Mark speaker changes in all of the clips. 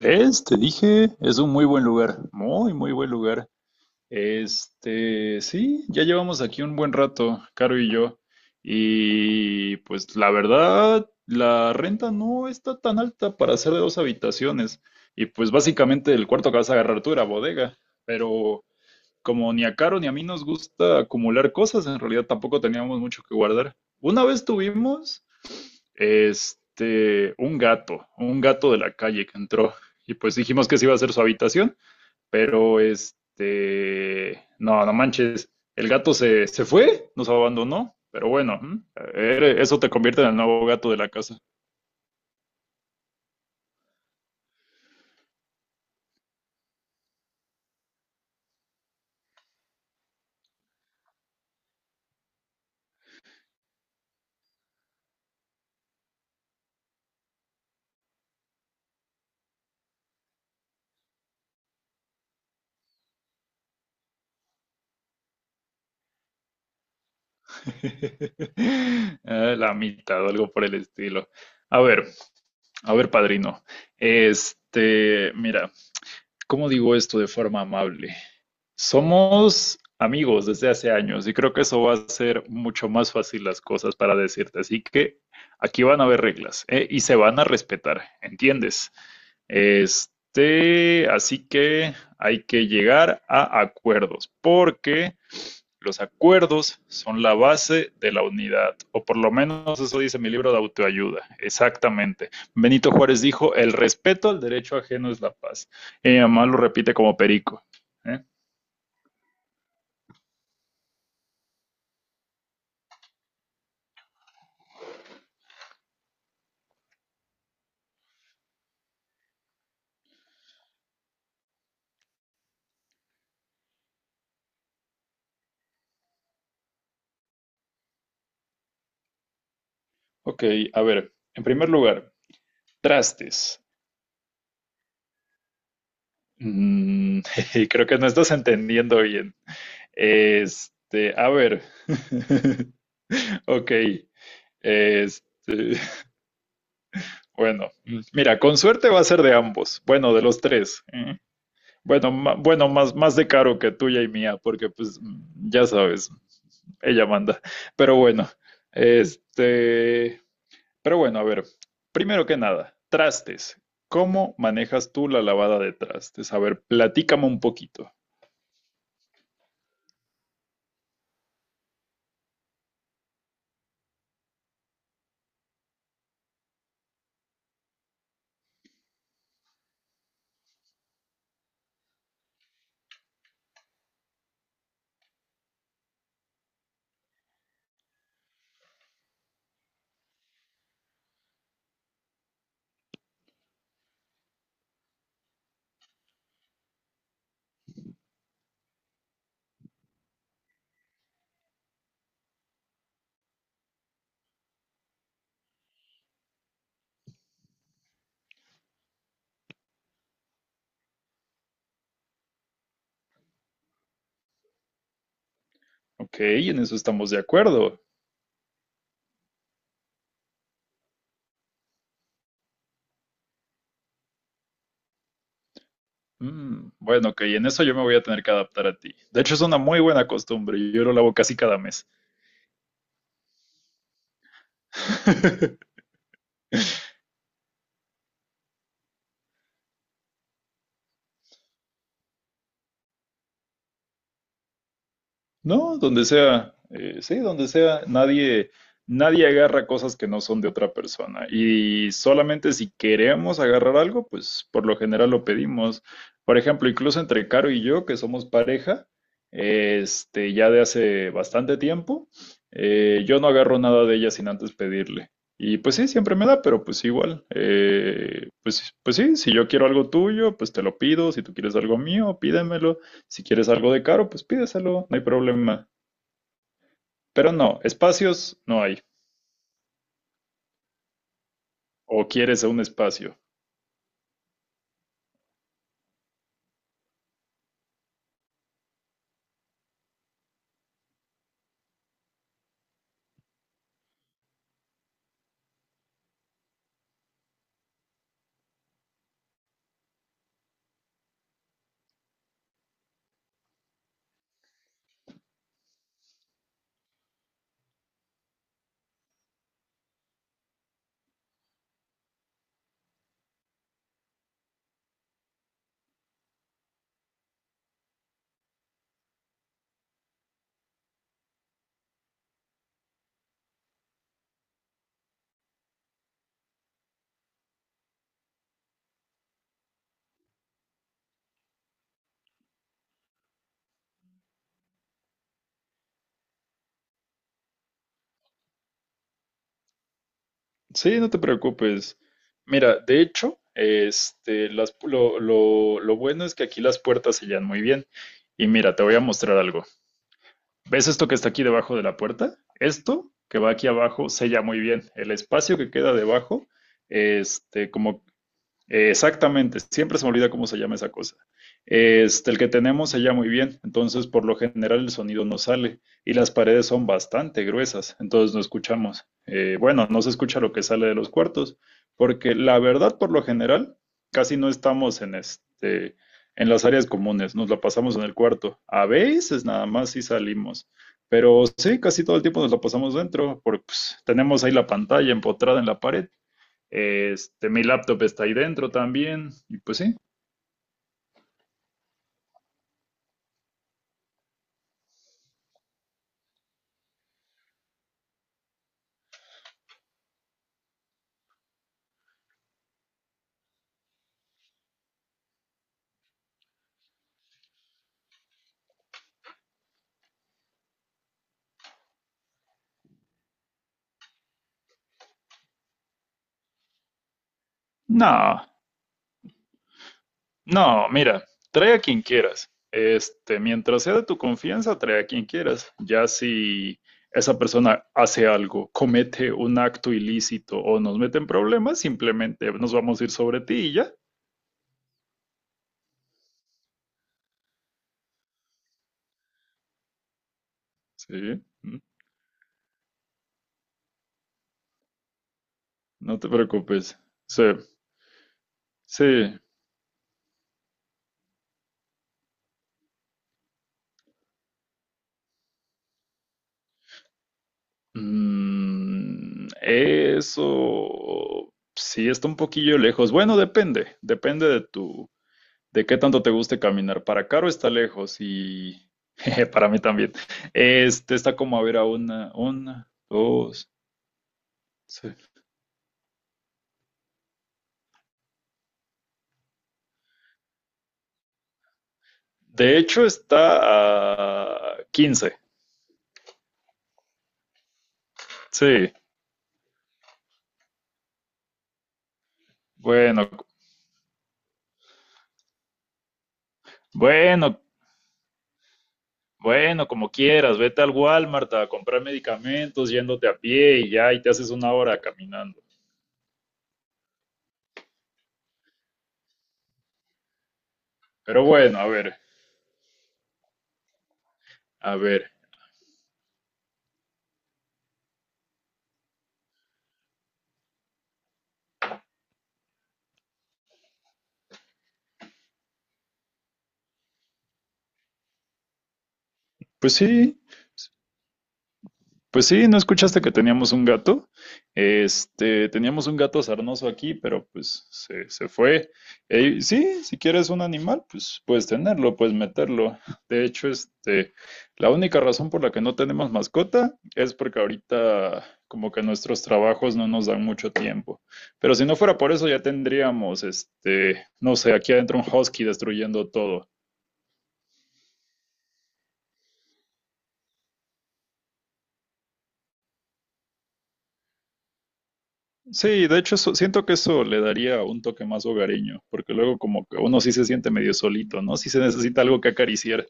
Speaker 1: ¿Ves? Te dije, es un muy buen lugar, muy, muy buen lugar. Sí, ya llevamos aquí un buen rato, Caro y yo. Y pues la verdad, la renta no está tan alta para ser de dos habitaciones. Y pues básicamente el cuarto que vas a agarrar tú era bodega. Pero como ni a Caro ni a mí nos gusta acumular cosas, en realidad tampoco teníamos mucho que guardar. Una vez tuvimos, un gato de la calle que entró. Y pues dijimos que sí iba a ser su habitación, pero no, no manches, el gato se fue, nos abandonó. Pero bueno, ¿eh? Eso te convierte en el nuevo gato de la casa. La mitad o algo por el estilo. A ver, a ver, padrino. Mira, ¿cómo digo esto de forma amable? Somos amigos desde hace años y creo que eso va a hacer mucho más fácil las cosas para decirte. Así que aquí van a haber reglas, ¿eh?, y se van a respetar, ¿entiendes? Así que hay que llegar a acuerdos porque los acuerdos son la base de la unidad, o por lo menos eso dice mi libro de autoayuda, exactamente. Benito Juárez dijo, el respeto al derecho ajeno es la paz. Y mi mamá lo repite como perico. ¿Eh? Ok, a ver, en primer lugar, trastes. Mm, creo que no estás entendiendo bien. A ver, ok, este, bueno, mira, con suerte va a ser de ambos, bueno, de los tres. ¿Eh? Bueno, bueno, más, más de Caro que tuya y mía, porque pues ya sabes, ella manda. Pero bueno, este, pero bueno, a ver, primero que nada, trastes. ¿Cómo manejas tú la lavada de trastes? A ver, platícame un poquito. Ok, en eso estamos de acuerdo. Bueno, ok, en eso yo me voy a tener que adaptar a ti. De hecho, es una muy buena costumbre. Yo lo lavo casi cada mes. No, donde sea, sí, donde sea, nadie agarra cosas que no son de otra persona. Y solamente si queremos agarrar algo, pues por lo general lo pedimos. Por ejemplo, incluso entre Caro y yo, que somos pareja, ya de hace bastante tiempo, yo no agarro nada de ella sin antes pedirle. Y pues sí, siempre me da, pero pues igual, pues, pues sí, si yo quiero algo tuyo, pues te lo pido, si tú quieres algo mío, pídemelo. Si quieres algo de caro, pues pídeselo, no hay problema. Pero no, espacios no hay. O quieres un espacio. Sí, no te preocupes. Mira, de hecho, lo bueno es que aquí las puertas sellan muy bien. Y mira, te voy a mostrar algo. ¿Ves esto que está aquí debajo de la puerta? Esto que va aquí abajo sella muy bien. El espacio que queda debajo, este, como eh, exactamente, siempre se me olvida cómo se llama esa cosa. El que tenemos se llama muy bien, entonces por lo general el sonido no sale y las paredes son bastante gruesas, entonces no escuchamos. Bueno, no se escucha lo que sale de los cuartos, porque la verdad por lo general casi no estamos en en las áreas comunes, nos la pasamos en el cuarto. A veces nada más sí salimos, pero sí, casi todo el tiempo nos la pasamos dentro, porque pues, tenemos ahí la pantalla empotrada en la pared, mi laptop está ahí dentro también. Y pues sí. No, no, mira, trae a quien quieras. Mientras sea de tu confianza, trae a quien quieras. Ya si esa persona hace algo, comete un acto ilícito o nos mete en problemas, simplemente nos vamos a ir sobre ti y ya. Sí, mm, no te preocupes. Sí, sí. Eso sí está un poquillo lejos. Bueno, depende, depende de tu, de qué tanto te guste caminar. Para Caro está lejos y jeje, para mí también. Este está como a ver a una, dos. Sí. De hecho, está a 15. Sí, bueno, bueno, bueno, como quieras. Vete al Walmart a comprar medicamentos yéndote a pie y ya, y te haces una hora caminando. Pero bueno, a ver, a ver. Pues sí, pues sí, ¿no escuchaste que teníamos un gato? Teníamos un gato sarnoso aquí, pero pues se fue. Sí, si quieres un animal, pues puedes tenerlo, puedes meterlo. De hecho, la única razón por la que no tenemos mascota es porque ahorita como que nuestros trabajos no nos dan mucho tiempo. Pero si no fuera por eso, ya tendríamos, no sé, aquí adentro un husky destruyendo todo. Sí, de hecho eso- siento que eso le daría un toque más hogareño, porque luego como que uno sí se siente medio solito, ¿no? Sí se necesita algo que acariciar.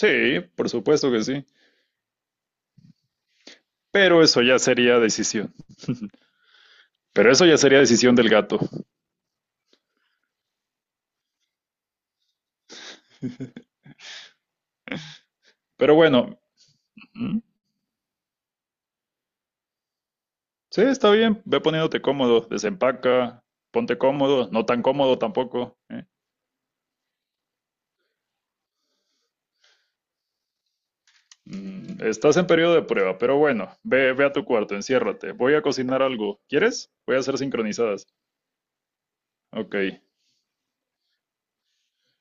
Speaker 1: Sí, por supuesto que sí. Pero eso ya sería decisión. Pero eso ya sería decisión del gato. Pero bueno, ¿mm? Sí, está bien. Ve poniéndote cómodo, desempaca, ponte cómodo, no tan cómodo tampoco, ¿eh? Estás en periodo de prueba, pero bueno, ve, ve a tu cuarto, enciérrate. Voy a cocinar algo. ¿Quieres? Voy a hacer sincronizadas. Ok.